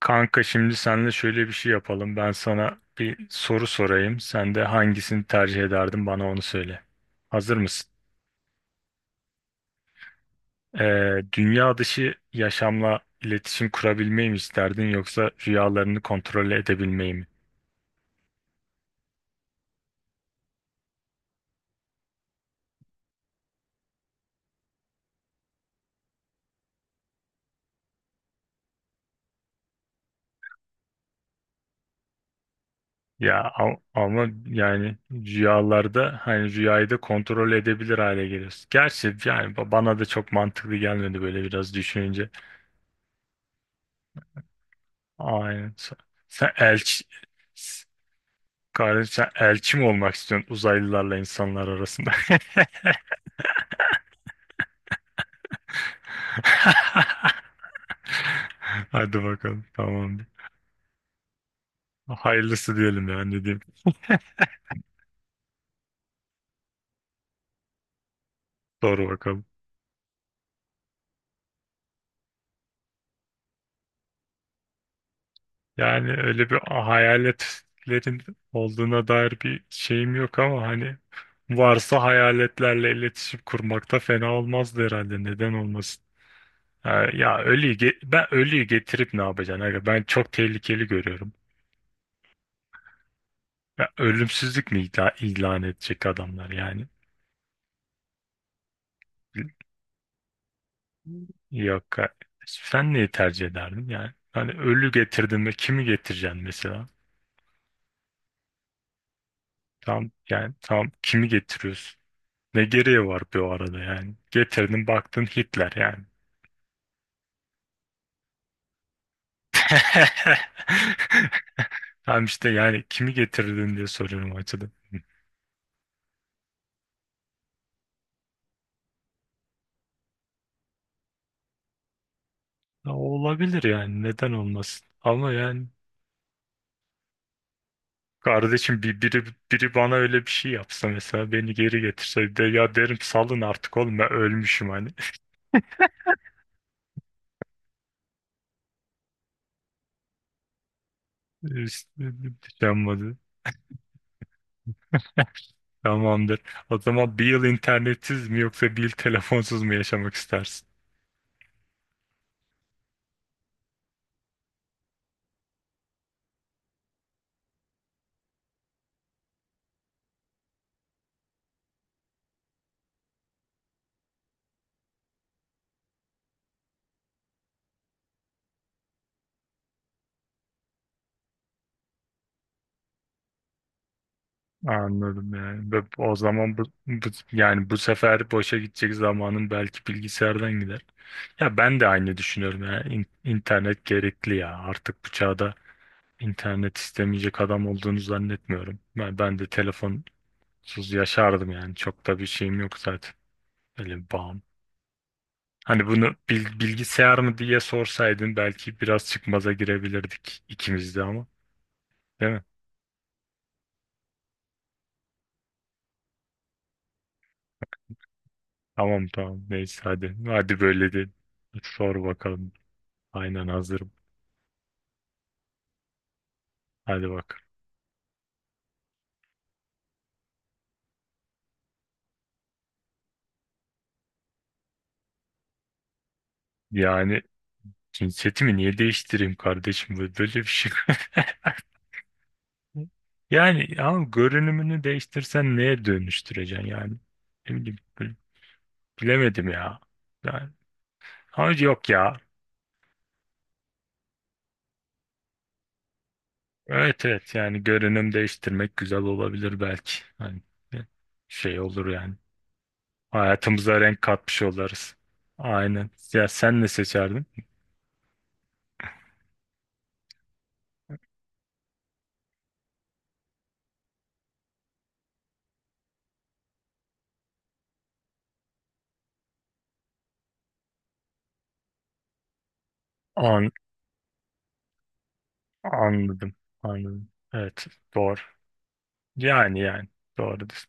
Kanka şimdi seninle şöyle bir şey yapalım. Ben sana bir soru sorayım. Sen de hangisini tercih ederdin bana onu söyle. Hazır mısın? Dünya dışı yaşamla iletişim kurabilmeyi mi isterdin yoksa rüyalarını kontrol edebilmeyi mi? Ama yani rüyalarda hani rüyayı da kontrol edebilir hale geliyorsun. Gerçi yani bana da çok mantıklı gelmedi böyle biraz düşününce. Aynen. Sen elçi s- Kardeşim sen elçi mi olmak istiyorsun uzaylılarla insanlar arasında? Hadi bakalım. Tamam. Hayırlısı diyelim ya, ne diyeyim. Doğru bakalım. Yani öyle bir hayaletlerin olduğuna dair bir şeyim yok, ama hani varsa hayaletlerle iletişim kurmakta fena olmazdı herhalde. Neden olmasın? Ben ölüyü getirip ne yapacaksın? Aga? Ben çok tehlikeli görüyorum. Ya ölümsüzlük mi ilan edecek adamlar yani? Yok. Ha. Sen neyi tercih ederdin yani? Hani ölü getirdin ve kimi getireceksin mesela? Tam yani tam kimi getiriyorsun? Ne gereği var bir o arada yani? Getirdin baktın Hitler yani. Tam işte, yani kimi getirdin diye soruyorum o açıdan. Ya olabilir yani, neden olmasın? Ama yani Kardeşim bir, biri, biri bana öyle bir şey yapsa, mesela beni geri getirse, de ya derim salın artık oğlum, ben ölmüşüm hani. İşte. Yaşanmadı. Tamamdır. O zaman bir yıl internetsiz mi yoksa bir yıl telefonsuz mu yaşamak istersin? Anladım yani. Ve o zaman yani bu sefer boşa gidecek zamanın belki bilgisayardan gider. Ya ben de aynı düşünüyorum ya. İnternet gerekli ya. Artık bu çağda internet istemeyecek adam olduğunu zannetmiyorum. Ben de telefon Suz yaşardım yani. Çok da bir şeyim yok zaten. Öyle bir bağım. Hani bunu bilgisayar mı diye sorsaydın belki biraz çıkmaza girebilirdik ikimiz de, ama. Değil mi? Tamam. Neyse hadi. Hadi böyle de sor bakalım. Aynen, hazırım. Hadi bak. Yani cinsiyetimi niye değiştireyim kardeşim? Böyle bir şey. Yani ama görünümünü değiştirsen neye dönüştüreceksin yani? Ne bileyim, böyle bilemedim ya. Yani, ama yok ya. Evet, yani görünüm değiştirmek güzel olabilir belki. Hani şey olur yani. Hayatımıza renk katmış oluruz. Aynen. Ya sen ne seçerdin? An anladım. Anladım. Evet, doğru. Yani doğrudur.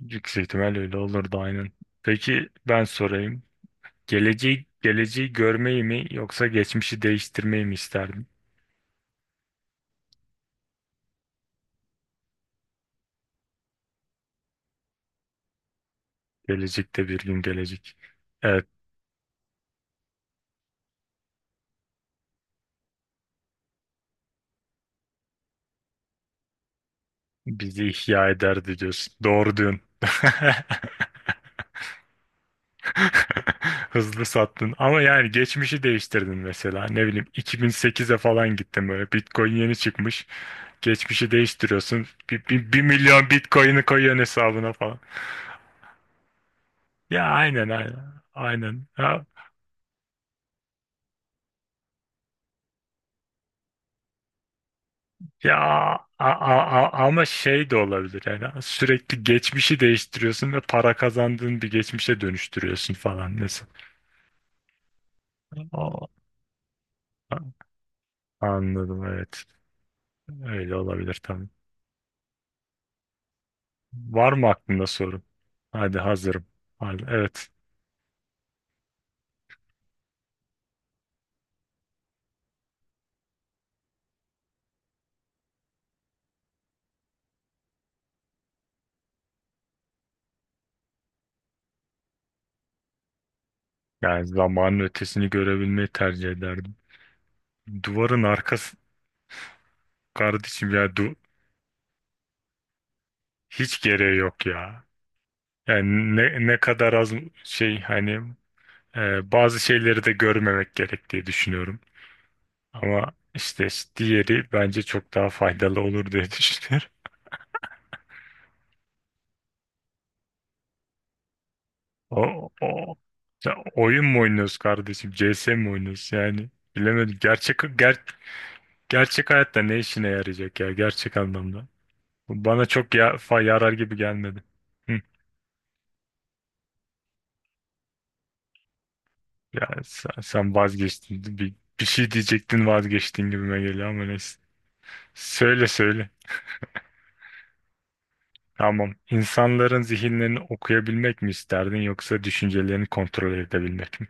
Yüksek ihtimal öyle olurdu, aynen. Peki ben sorayım. Geleceği görmeyi mi yoksa geçmişi değiştirmeyi mi isterdin? Gelecekte bir gün gelecek. Evet, bizi ihya ederdi diyorsun. Doğru diyorsun. Hızlı sattın. Ama yani geçmişi değiştirdin mesela. Ne bileyim 2008'e falan gittin böyle. Bitcoin yeni çıkmış. Geçmişi değiştiriyorsun. Bir milyon Bitcoin'i koyuyorsun hesabına falan. Ya aynen aynen. Aynen. Ha, Ya a- a- a- Ama şey de olabilir yani, sürekli geçmişi değiştiriyorsun ve para kazandığın bir geçmişe dönüştürüyorsun falan mesela. O- Anladım, evet, öyle olabilir tabii. Var mı aklında sorun? Hadi, hazırım. Hadi, evet, yani zamanın ötesini görebilmeyi tercih ederdim. Duvarın arkası kardeşim ya du Hiç gereği yok ya. Yani ne kadar az şey, hani bazı şeyleri de görmemek gerek diye düşünüyorum. Ama işte diğeri bence çok daha faydalı olur diye düşünüyorum. O, o, Ya oyun mu oynuyoruz kardeşim? CS mi oynuyoruz? Yani bilemedim. Gerçek hayatta ne işine yarayacak ya, gerçek anlamda? Bu bana çok ya, yarar gibi gelmedi. Hı. Ya sen vazgeçtin. Bir şey diyecektin, vazgeçtin gibime geliyor ama neyse. Söyle. Tamam. İnsanların zihinlerini okuyabilmek mi isterdin yoksa düşüncelerini kontrol edebilmek mi?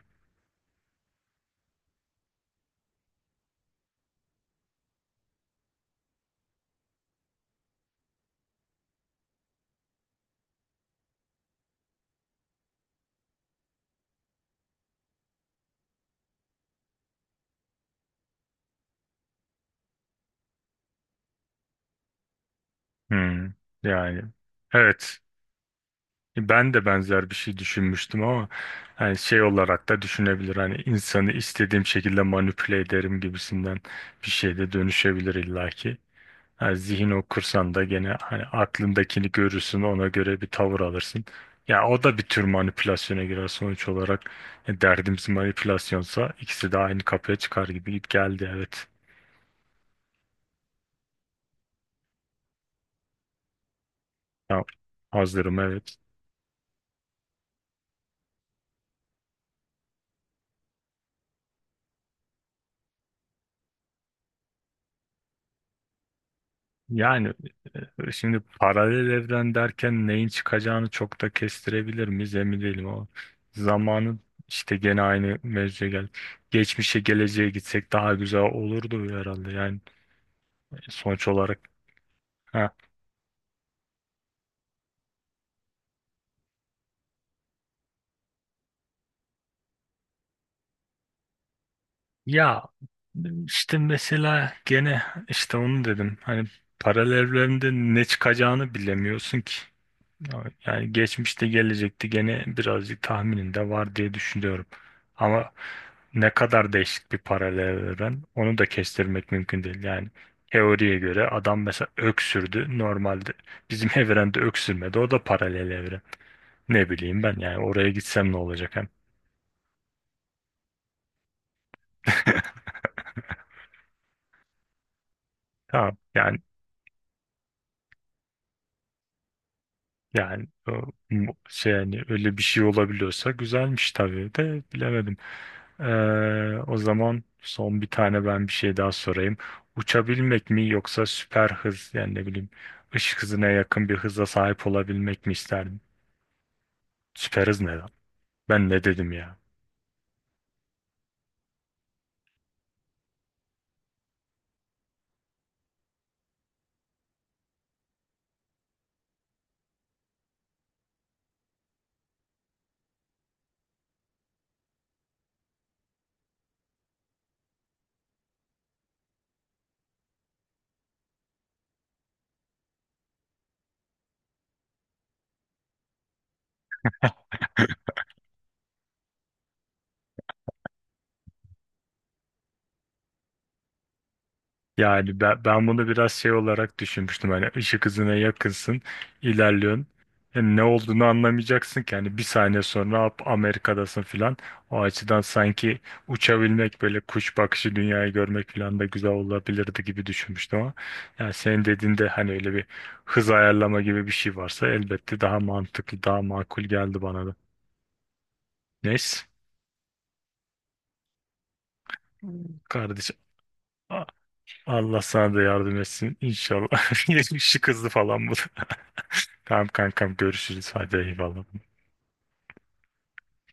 Hmm, yani evet, ben de benzer bir şey düşünmüştüm ama hani şey olarak da düşünebilir, hani insanı istediğim şekilde manipüle ederim gibisinden bir şey de dönüşebilir illaki. Yani zihin okursan da gene hani aklındakini görürsün, ona göre bir tavır alırsın. Ya o da bir tür manipülasyona girer sonuç olarak. Derdimiz manipülasyonsa ikisi de aynı kapıya çıkar gibi geldi, evet. Ya, hazırım, evet. Yani şimdi paralel evren derken neyin çıkacağını çok da kestirebilir miyiz emin değilim ama zamanın işte gene aynı mevzuya gel. Geçmişe geleceğe gitsek daha güzel olurdu herhalde, yani sonuç olarak. Ha. Ya işte mesela gene işte onu dedim hani paralel evrende ne çıkacağını bilemiyorsun ki. Evet, yani geçmişte gelecekte gene birazcık tahmininde var diye düşünüyorum. Ama ne kadar değişik bir paralel evren, onu da kestirmek mümkün değil. Yani teoriye göre adam mesela öksürdü. Normalde bizim evrende öksürmedi. O da paralel evren. Ne bileyim ben, yani oraya gitsem ne olacak hem. Tamam yani, yani o, şey yani öyle bir şey olabiliyorsa güzelmiş tabii de bilemedim. O zaman son bir tane ben bir şey daha sorayım. Uçabilmek mi yoksa süper hız yani ne bileyim ışık hızına yakın bir hıza sahip olabilmek mi isterdin? Süper hız ne lan? Ben ne dedim ya? Yani ben bunu biraz şey olarak düşünmüştüm. Hani ışık hızına yakınsın, ilerliyorsun. Yani ne olduğunu anlamayacaksın ki. Hani bir saniye sonra hop Amerika'dasın filan. O açıdan sanki uçabilmek böyle kuş bakışı dünyayı görmek filan da güzel olabilirdi gibi düşünmüştüm ama. Yani senin dediğinde hani öyle bir hız ayarlama gibi bir şey varsa elbette daha mantıklı, daha makul geldi bana da. Neyse kardeşim. A- Allah sana da yardım etsin inşallah. Işık hızlı falan bu. Da. Tamam kankam, görüşürüz. Hadi eyvallah.